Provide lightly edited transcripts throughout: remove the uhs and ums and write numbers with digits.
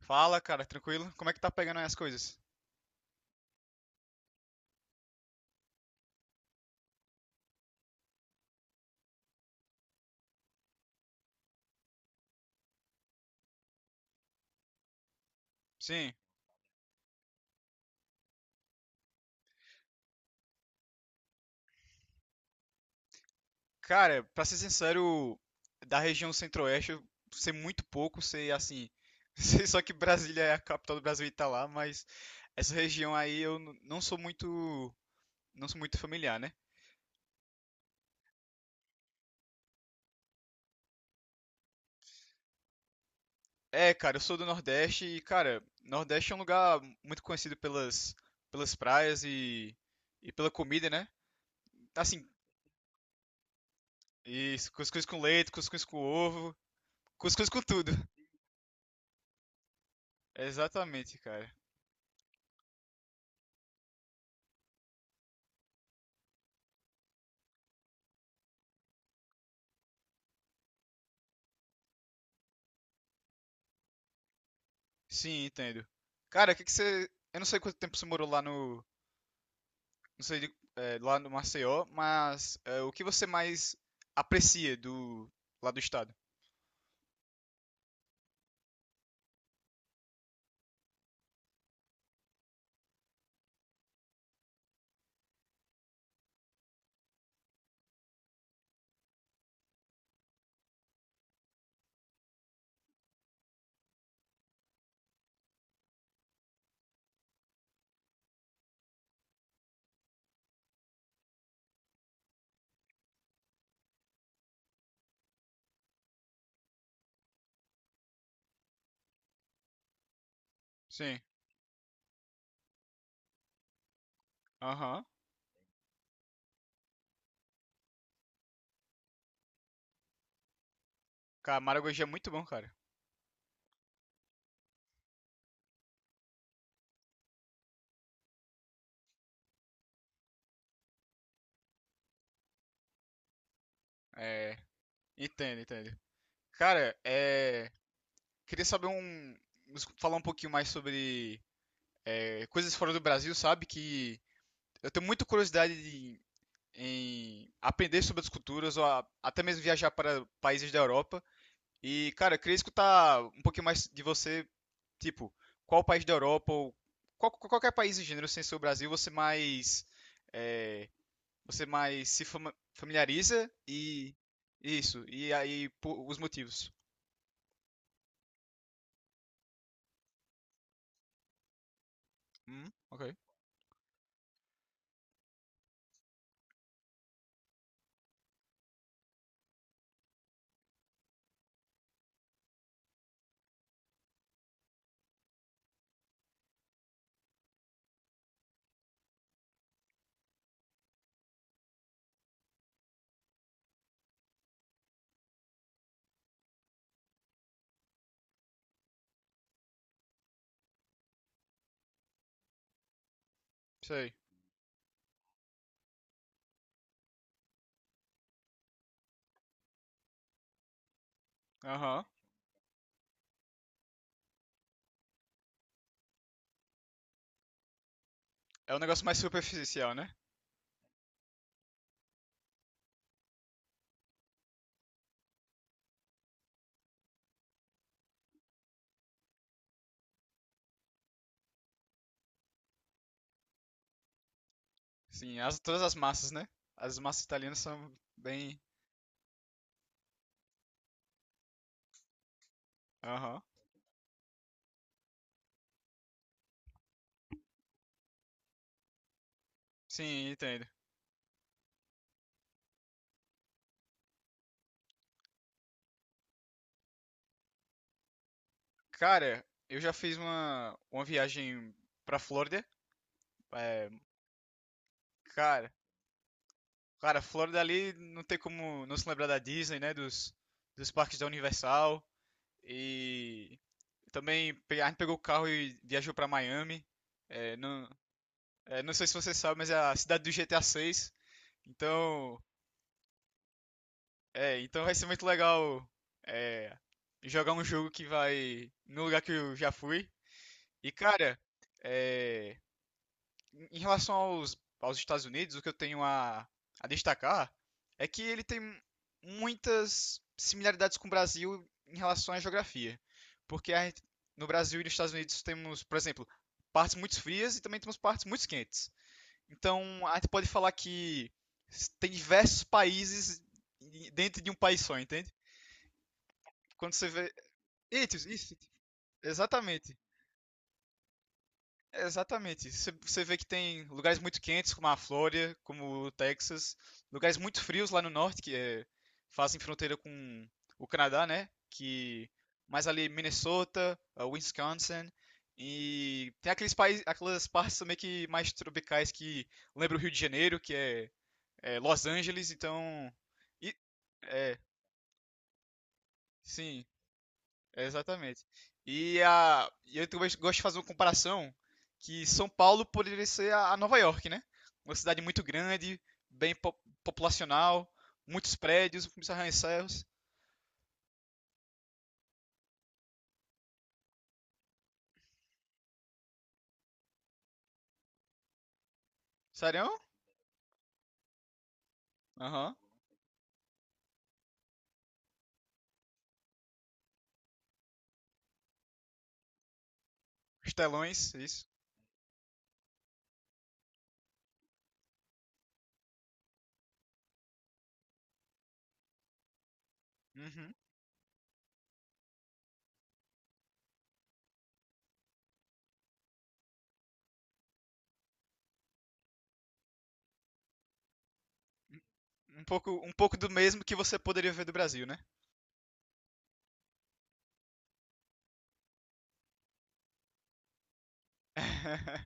Fala, cara, tranquilo? Como é que tá pegando aí as coisas? Sim. Cara, pra ser sincero, da região centro-oeste, eu sei muito pouco, sei assim. Sei só que Brasília é a capital do Brasil e tá lá, mas essa região aí eu não sou muito. Não sou muito familiar, né? É, cara, eu sou do Nordeste e, cara, Nordeste é um lugar muito conhecido pelas praias e pela comida, né? Assim, isso, cuscuz com leite, cuscuz com ovo, cuscuz com tudo. Exatamente, cara. Sim, entendo. Cara, o que que você. Eu não sei quanto tempo você morou lá no. Não sei, lá no Maceió, mas o que você mais aprecia do. Lá do estado? Sim. Aham. Cara, Maragogi é muito bom, cara. É. Entendo, entendo. Cara, é. Queria saber um. Falar um pouquinho mais sobre. Coisas fora do Brasil, sabe? Que eu tenho muita curiosidade em aprender sobre as culturas, ou até mesmo viajar para países da Europa. E, cara, eu queria escutar um pouquinho mais de você, tipo, qual país da Europa ou qualquer país em gênero sem ser o Brasil você mais é, você mais se familiariza e isso, e aí os motivos. Ok, sei. Aham. É um negócio mais superficial, né? Sim, todas as massas, né? As massas italianas são bem. Aham. Sim, entendo. Cara, eu já fiz uma viagem pra Flórida. É, cara, Cara, Flórida ali não tem como não se lembrar da Disney, né? Dos, dos parques da Universal. E também a gente pegou o carro e viajou pra Miami. É, não, é, não sei se você sabe, mas é a cidade do GTA VI. Então, então vai ser muito legal é, jogar um jogo que vai no lugar que eu já fui. E, cara, é, Em relação aos, aos Estados Unidos, o que eu tenho a destacar é que ele tem muitas similaridades com o Brasil em relação à geografia. Porque a gente- no Brasil e nos Estados Unidos temos, por exemplo, partes muito frias e também temos partes muito quentes. Então a gente pode falar que tem diversos países dentro de um país só, entende? Quando você vê. Isso, exatamente. Exatamente. Você vê que tem lugares muito quentes, como a Flórida, como o Texas, lugares muito frios lá no norte, que é, fazem fronteira com o Canadá, né? Que mais ali Minnesota, ah, Wisconsin, e tem aqueles países, aquelas partes também que mais tropicais que lembra o Rio de Janeiro, que é, é Los Angeles, então e- é, sim, é, exatamente. E e eu também gosto de fazer uma comparação que São Paulo poderia ser a Nova York, né? Uma cidade muito grande, bem populacional, muitos prédios, muitos arranha-céus. Sério? Aham. Os telões, isso. Uhum. Um pouco do mesmo que você poderia ver do Brasil, né?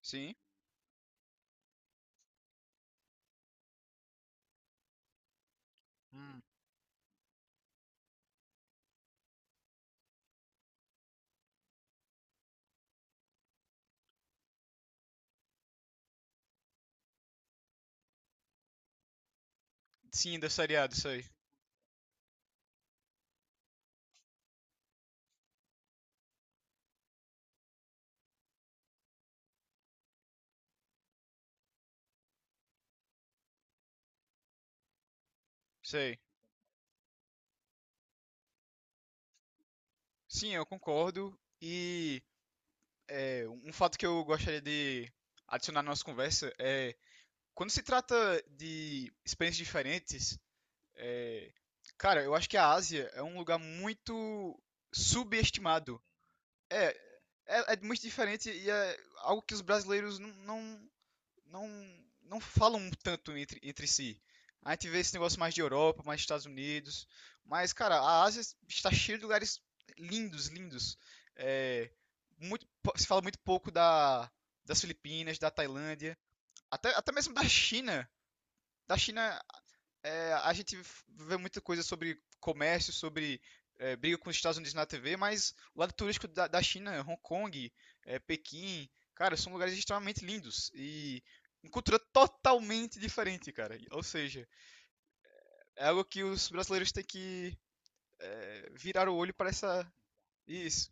Sim. Hum. Sim, da seriado, sei. Sei. Sim, eu concordo. E um fato que eu gostaria de adicionar na nossa conversa é quando se trata de experiências diferentes, é, cara, eu acho que a Ásia é um lugar muito subestimado. É, é muito diferente e é algo que os brasileiros não, não falam tanto entre si. A gente vê esse negócio mais de Europa, mais Estados Unidos. Mas, cara, a Ásia está cheia de lugares lindos, lindos. É, muito, se fala muito pouco das Filipinas, da Tailândia, até mesmo da China. Da China, é, a gente vê muita coisa sobre comércio, sobre briga com os Estados Unidos na TV, mas o lado turístico da China, Hong Kong, é, Pequim, cara, são lugares extremamente lindos e uma cultura totalmente diferente, cara. Ou seja, é algo que os brasileiros têm que virar o olho para essa. Isso,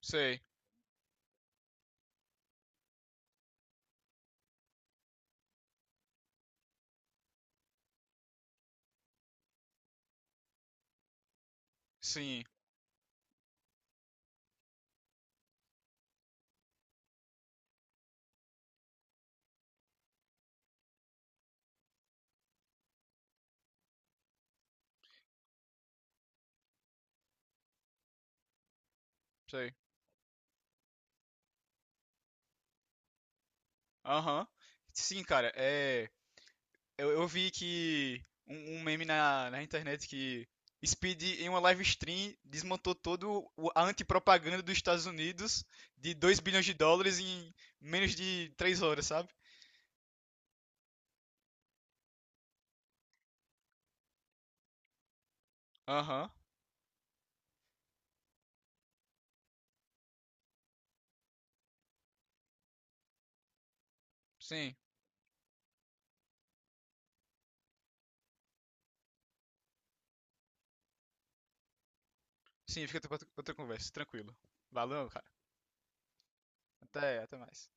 sei, sim, sei. Aham. Sim, cara, é. Eu vi que um meme na internet que Speed, em uma live stream, desmontou toda a antipropaganda dos Estados Unidos de 2 bilhões de dólares em menos de 3 horas, sabe? Aham, sim. Sim, fica pra outra outra conversa, tranquilo. Valeu, cara. Até, até mais.